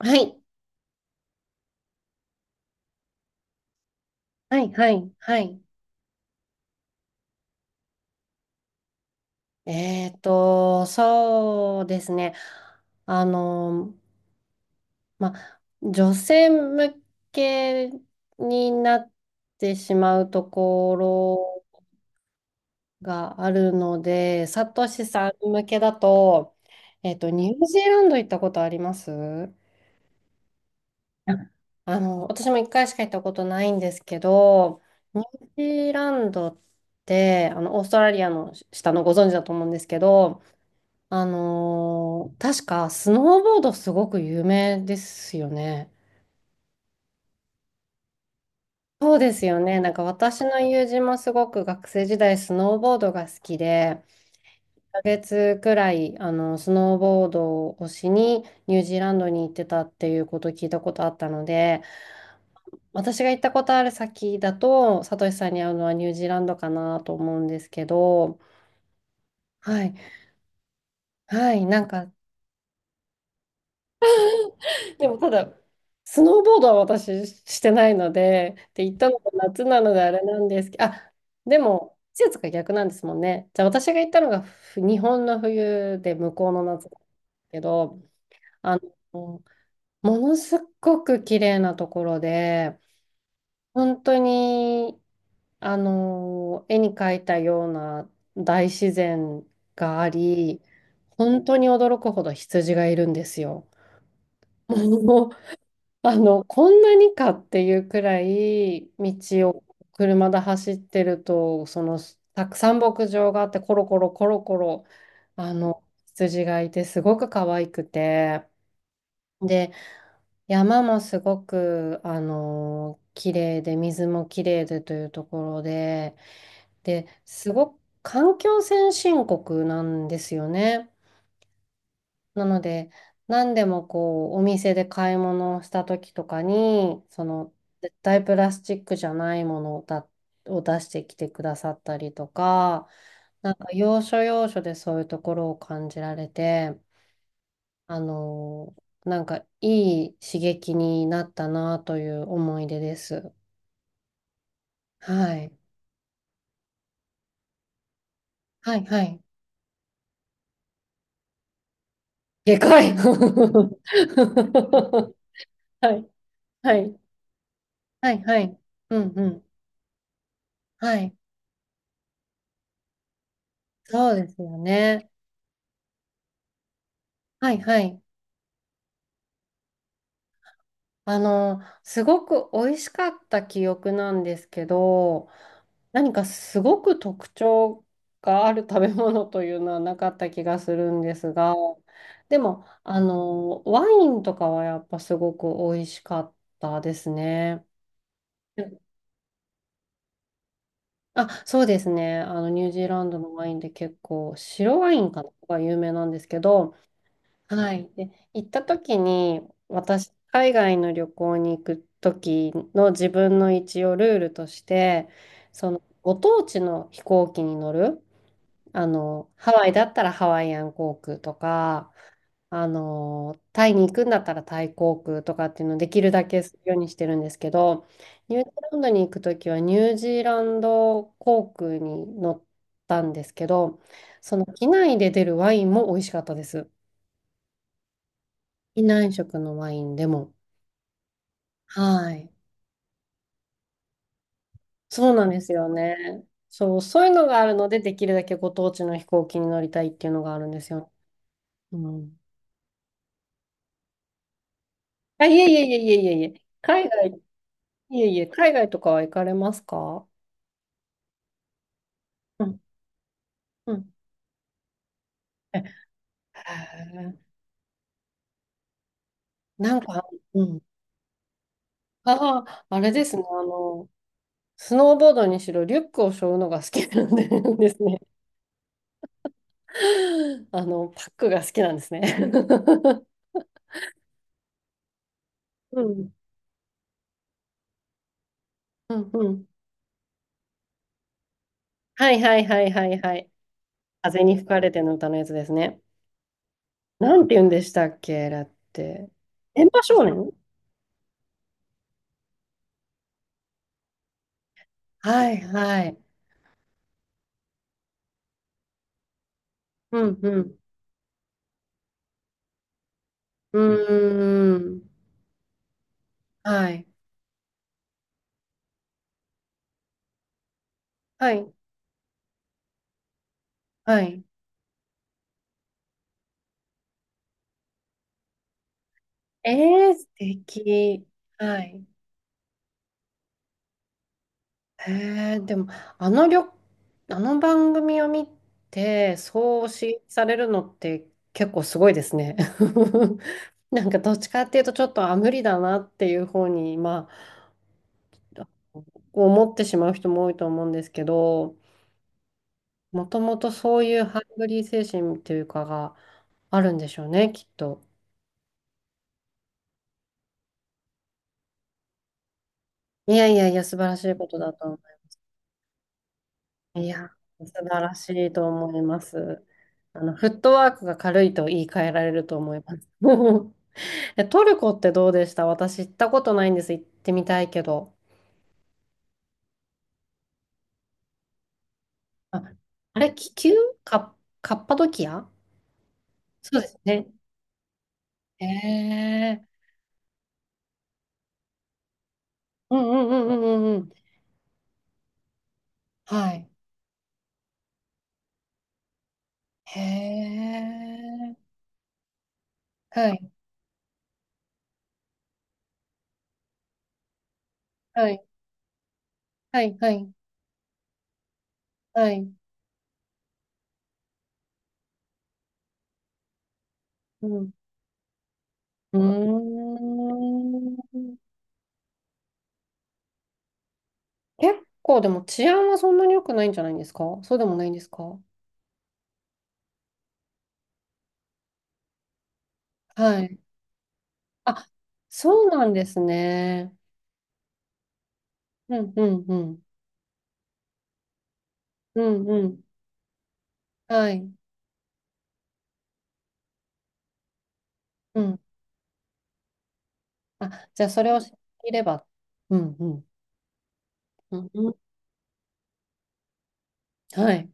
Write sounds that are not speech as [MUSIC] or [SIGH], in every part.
はい。はい、はい、はい。そうですね。あの、ま、女性向けになってしまうところがあるので、サトシさん向けだと、ニュージーランド行ったことありますああの、私も一回しか行ったことないんですけど、ニュージーランドって、あの、オーストラリアの下の、ご存知だと思うんですけど、確かスノーボードすごく有名ですよね。そうですよね。なんか私の友人もすごく学生時代スノーボードが好きで、1ヶ月くらい、あのスノーボードをしにニュージーランドに行ってたっていうことを聞いたことあったので、私が行ったことある先だと、サトシさんに会うのはニュージーランドかなと思うんですけど、はい。はい。でもただ、スノーボードは私してないので、って言ったのが夏なのであれなんですけど、あ、でも季節が逆なんですもんね。じゃあ私が行ったのが日本の冬で向こうの夏だけど、あの、ものすごく綺麗なところで、本当に、あの、絵に描いたような大自然があり、本当に驚くほど羊がいるんですよ。もう、あの、こんなにかっていうくらい、道を車で走ってると、そのたくさん牧場があって、コロコロコロコロ、あの羊がいてすごく可愛くて、で、山もすごくあの綺麗で水も綺麗でというところで、で、すごく環境先進国なんですよね。なので、何でもこう、お店で買い物をした時とかに、その、絶対プラスチックじゃないものを、を出してきてくださったりとか、なんか要所要所でそういうところを感じられて、なんかいい刺激になったなという思い出です。はい。はい、はい。でかい [LAUGHS] はい、はい、はい、はい。うん、うん。はい。そうですよね。はいはい。あの、すごく美味しかった記憶なんですけど、何かすごく特徴がある食べ物というのはなかった気がするんですが、でも、あの、ワインとかはやっぱすごく美味しかったですね。あ、そうですね。あの、ニュージーランドのワインで結構、白ワインかなが有名なんですけど、はい。で、行った時に、私、海外の旅行に行く時の自分の一応ルールとして、その、ご当地の飛行機に乗る、あの、ハワイだったらハワイアン航空とか、あの、タイに行くんだったらタイ航空とかっていうのをできるだけするようにしてるんですけど、ニュージーランドに行く時はニュージーランド航空に乗ったんですけど、その機内で出るワインも美味しかったです。機内食のワインでも。はい。そうなんですよね。そう、そういうのがあるので、できるだけご当地の飛行機に乗りたいっていうのがあるんですよ。うん。あ、いえいえいえいえいえいえ。海外、いえいえ、海外とかは行かれますか？うん、うん。えへえなんか、うん。ああ、あれですね。あの、スノーボードにしろ、リュックを背負うのが好きなんで [LAUGHS] ですね。[LAUGHS] あの、パックが好きなんですね。[LAUGHS] うん、うん、うん。はいはいはいはいはい。風に吹かれての歌のやつですね。なんて言うんでしたっけ、だって。電波少年。はいはい。うんうん。うーん。はい。はい。はい。えー、素敵。はい。えー、でも、あの旅、あの番組を見て、そう刺激されるのって結構すごいですね。[LAUGHS] なんかどっちかっていうと、ちょっと、あ、無理だなっていう方に、まあ、思ってしまう人も多いと思うんですけど、もともとそういうハングリー精神というかがあるんでしょうね、きっと。いやいやいや、素晴らしいことだと思う。いや、素晴らしいと思います。あの、フットワークが軽いと言い換えられると思います。[LAUGHS] え、トルコってどうでした？私行ったことないんです。行ってみたいけど。あ、あれ、気球、カ、カッパドキア。そうですね。へえ。うんうんうんうんうんうん。はい。へえ。はい。はい。はい。はい。はい。うん。うーん。結構でも治安はそんなに良くないんじゃないんですか？そうでもないんですか？はい。あ、そうなんですね。うんうんうん。うんうん。はい。うん。あ、じゃあそれを知っていれば。うんうん。うんうん。はい。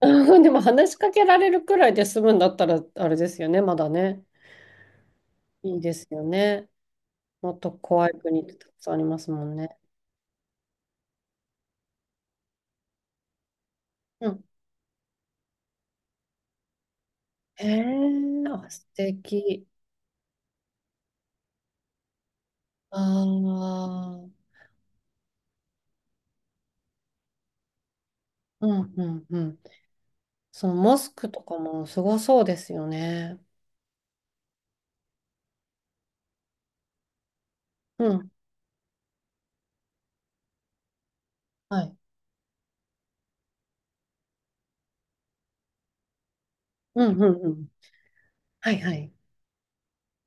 [LAUGHS] でも話しかけられるくらいで済むんだったらあれですよね。まだね。いいですよね。もっと怖い国ってたくさんありますもんね。うん。へえ、あ、素敵。ああ、うんうんうん。そのモスクとかもすごそうですよね。うん、はい。うんうんうん。はいはい。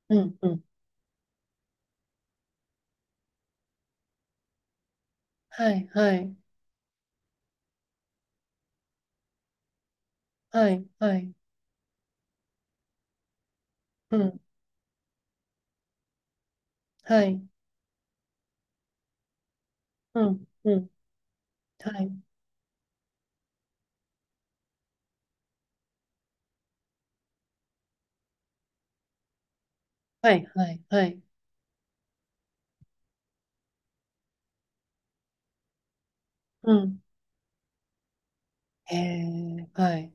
うんうん。はいはいはいはい。うん、はい。うんうん。はいはいはいはい。うん。へえ、はい。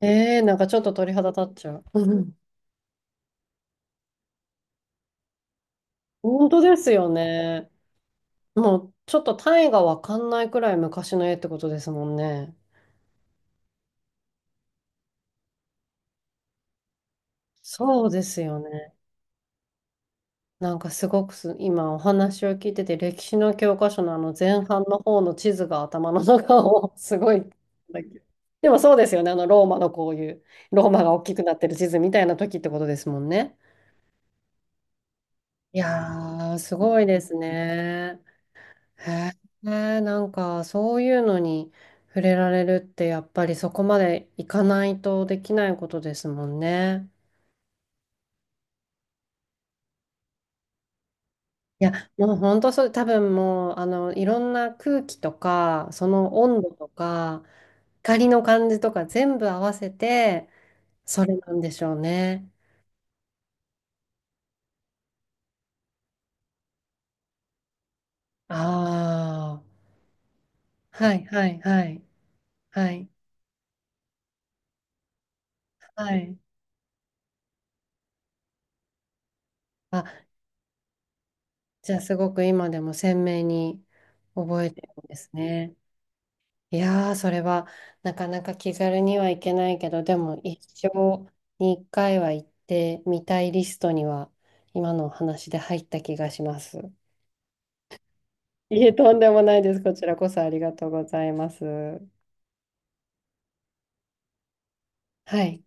ええ、なんかちょっと鳥肌立っちゃう。うん。本当ですよね。もうちょっと単位がわかんないくらい昔の絵ってことですもんね。そうですよね。なんかすごくす、今お話を聞いてて、歴史の教科書のあの前半の方の地図が頭の中を [LAUGHS] すごい。でもそうですよね、あのローマのこういう、ローマが大きくなってる地図みたいな時ってことですもんね。いやー、すごいですね。へえ、なんかそういうのに触れられるって、やっぱりそこまでいかないとできないことですもんね。いや、もう本当そう、多分もう、あの、いろんな空気とか、その温度とか、光の感じとか全部合わせて、それなんでしょうね。ああ、はいはいはい、はい、はい。あ、じゃあすごく今でも鮮明に覚えてるんですね。いやー、それはなかなか気軽にはいけないけど、でも一生に一回は行ってみたいリストには、今のお話で入った気がします。いえ、とんでもないです。こちらこそありがとうございます。はい。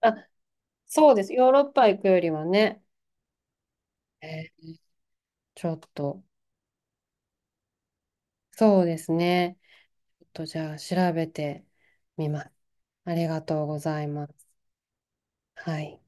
あ、そうです。ヨーロッパ行くよりはね、えーちょっと、そうですね。ちょっとじゃあ調べてみます。ありがとうございます。はい。